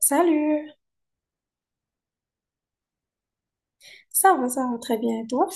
Salut, ça va très bien et toi?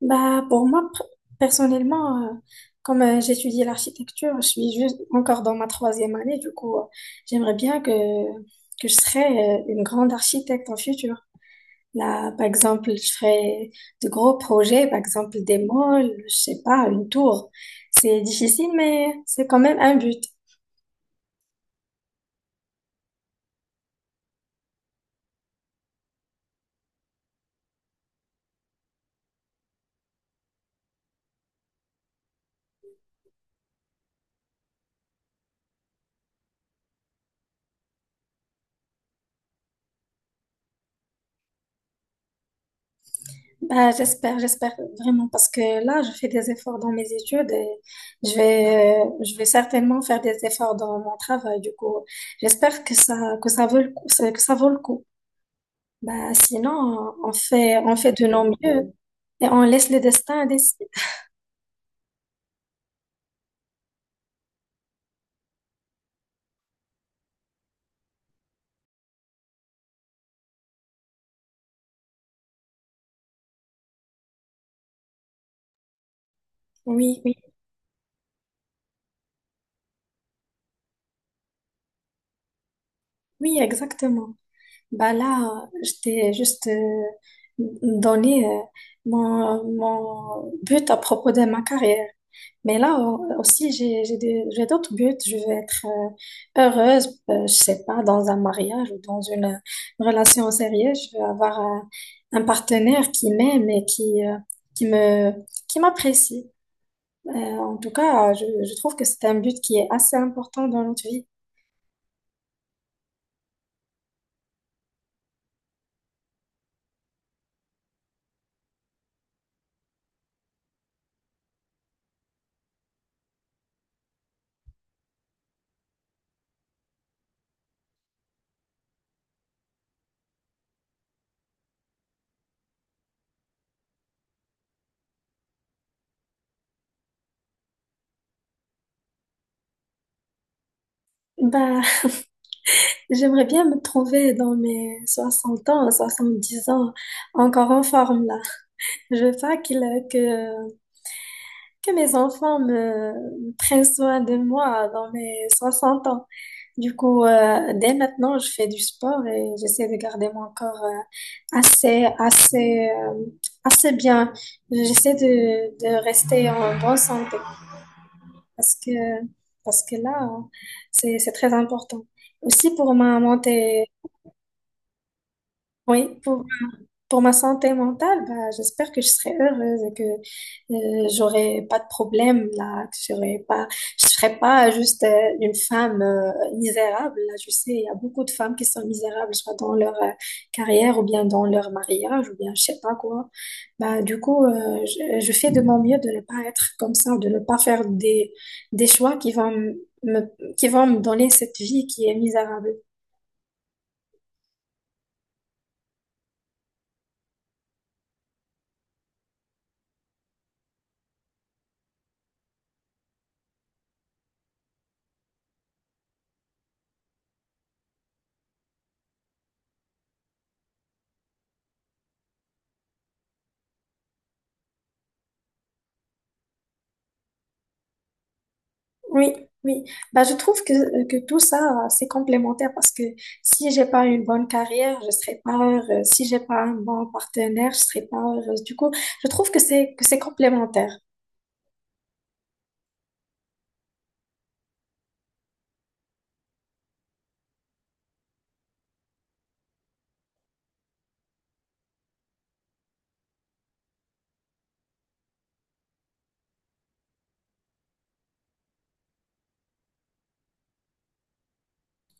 Bah pour moi personnellement, comme j'étudie l'architecture, je suis juste encore dans ma troisième année, du coup j'aimerais bien que je serais une grande architecte en futur. Là, par exemple, je ferais de gros projets, par exemple des malls, je sais pas, une tour. C'est difficile, mais c'est quand même un but. Bah, j'espère, j'espère vraiment parce que là, je fais des efforts dans mes études et je vais certainement faire des efforts dans mon travail. Du coup, j'espère que ça vaut le coup, que ça vaut le coup. Bah, sinon, on fait de nos mieux et on laisse le destin décider. Oui, oui, oui, exactement. Bah là, je t'ai juste donné mon but à propos de ma carrière. Mais là aussi, j'ai d'autres buts. Je veux être heureuse, je sais pas, dans un mariage ou dans une relation sérieuse. Je veux avoir un partenaire qui m'aime et qui me, qui m'apprécie. En tout cas, je trouve que c'est un but qui est assez important dans notre vie. Bah, j'aimerais bien me trouver dans mes 60 ans, 70 ans, encore en forme là. Je veux pas que, que mes enfants me prennent soin de moi dans mes 60 ans. Du coup, dès maintenant, je fais du sport et j'essaie de garder mon corps assez bien. J'essaie de rester en bonne santé parce que, parce que là, hein, c'est très important. Aussi pour ma montée, oui, pour ma santé mentale, bah, j'espère que je serai heureuse et que j'aurai pas de problème là, que j'aurai pas, je serai pas juste une femme misérable. Là, je sais, il y a beaucoup de femmes qui sont misérables, soit dans leur carrière ou bien dans leur mariage ou bien je sais pas quoi. Bah, du coup, je fais de mon mieux de ne pas être comme ça, de ne pas faire des choix qui vont qui vont me donner cette vie qui est misérable. Oui, oui. Bah, je trouve que tout ça, c'est complémentaire parce que si j'ai pas une bonne carrière, je serai pas heureuse. Si j'ai pas un bon partenaire, je serai pas heureuse. Du coup, je trouve que c'est complémentaire.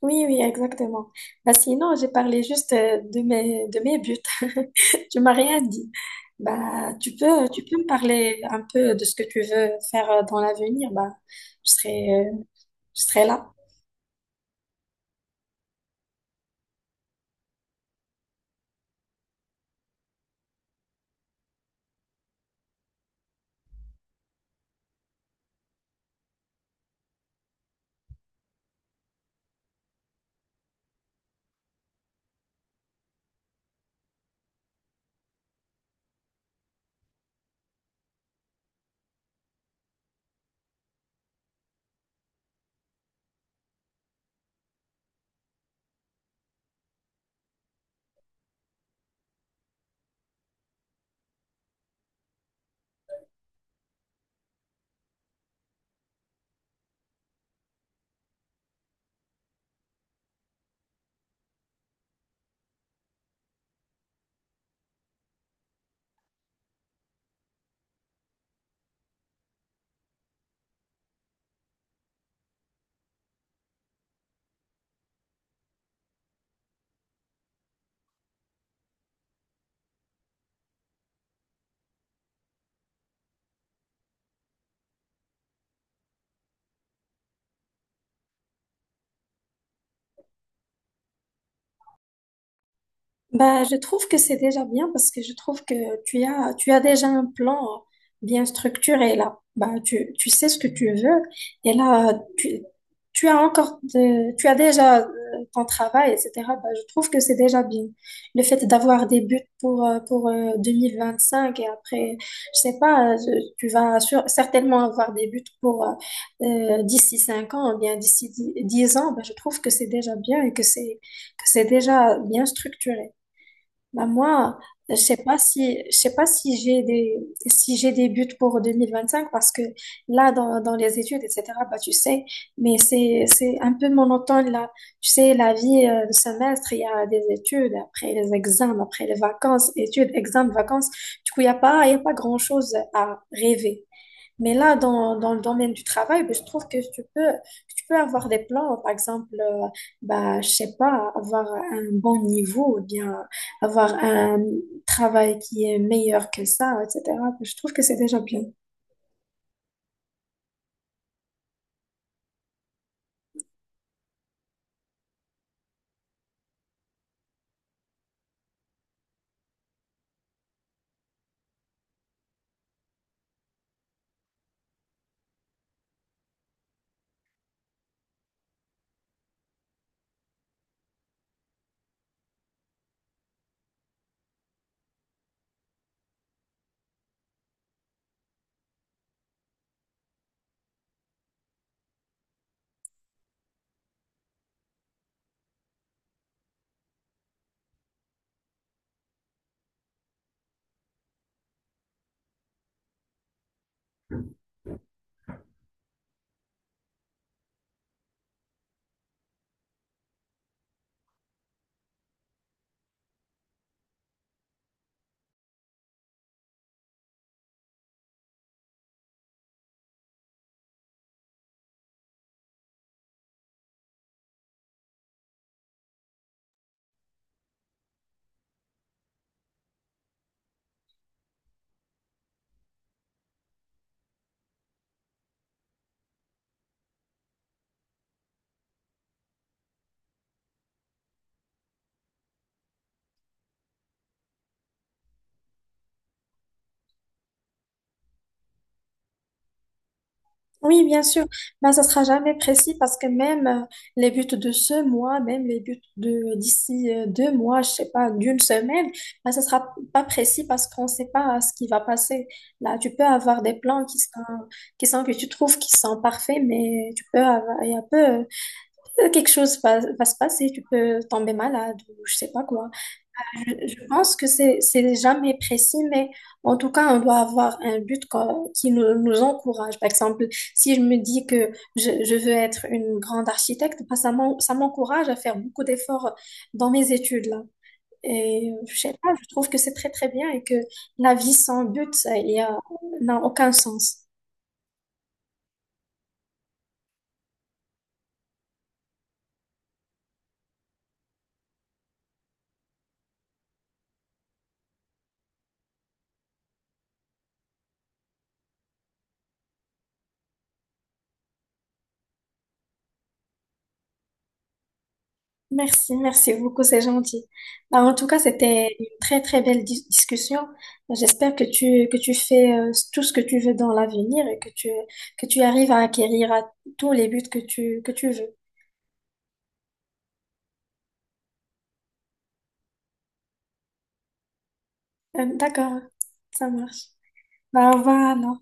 Oui, oui, exactement. Bah, sinon, j'ai parlé juste de mes buts. Tu m'as rien dit. Bah, tu peux me parler un peu de ce que tu veux faire dans l'avenir. Bah, je serai, euh, je serai là. Bah, je trouve que c'est déjà bien parce que je trouve que tu as déjà un plan bien structuré là. Bah, tu sais ce que tu veux et là, tu as déjà ton travail, etc. Bah, je trouve que c'est déjà bien. Le fait d'avoir des buts pour, 2025 et après, je sais pas, tu vas certainement avoir des buts pour d'ici 5 ans ou bien d'ici 10 ans. Bah, je trouve que c'est déjà bien et que c'est déjà bien structuré. Bah moi, je sais pas si j'ai des buts pour 2025 parce que là, dans les études, etc. Bah, tu sais, mais c'est un peu monotone là, tu sais, la vie de semestre, il y a des études, après les examens, après les vacances, études, examens, vacances. Du coup, il y a pas grand-chose à rêver. Mais là, dans le domaine du travail, ben, je trouve que tu peux avoir des plans, par exemple, bah, je sais pas, avoir un bon niveau, ou bien avoir un travail qui est meilleur que ça, etc. Ben, je trouve que c'est déjà bien. Oui, bien sûr, mais ça sera jamais précis parce que même les buts de ce mois, même les buts de d'ici 2 mois, je sais pas, d'une semaine, ben, ça sera pas précis parce qu'on sait pas ce qui va passer. Là, tu peux avoir des plans qui sont que tu trouves qui sont parfaits, mais tu peux avoir il y a peu quelque chose va se passer, tu peux tomber malade ou je sais pas quoi. Je pense que c'est jamais précis, mais en tout cas, on doit avoir un but qui nous encourage. Par exemple, si je me dis que je veux être une grande architecte, bah, ça m'encourage à faire beaucoup d'efforts dans mes études là. Et je sais pas, je trouve que c'est très très bien et que la vie sans but, ça, n'a aucun sens. Merci, merci beaucoup, c'est gentil. Bah, en tout cas, c'était une très très belle discussion. J'espère que tu fais tout ce que tu veux dans l'avenir et que tu arrives à acquérir à tous les buts que tu veux. D'accord, ça marche. Bah, au revoir.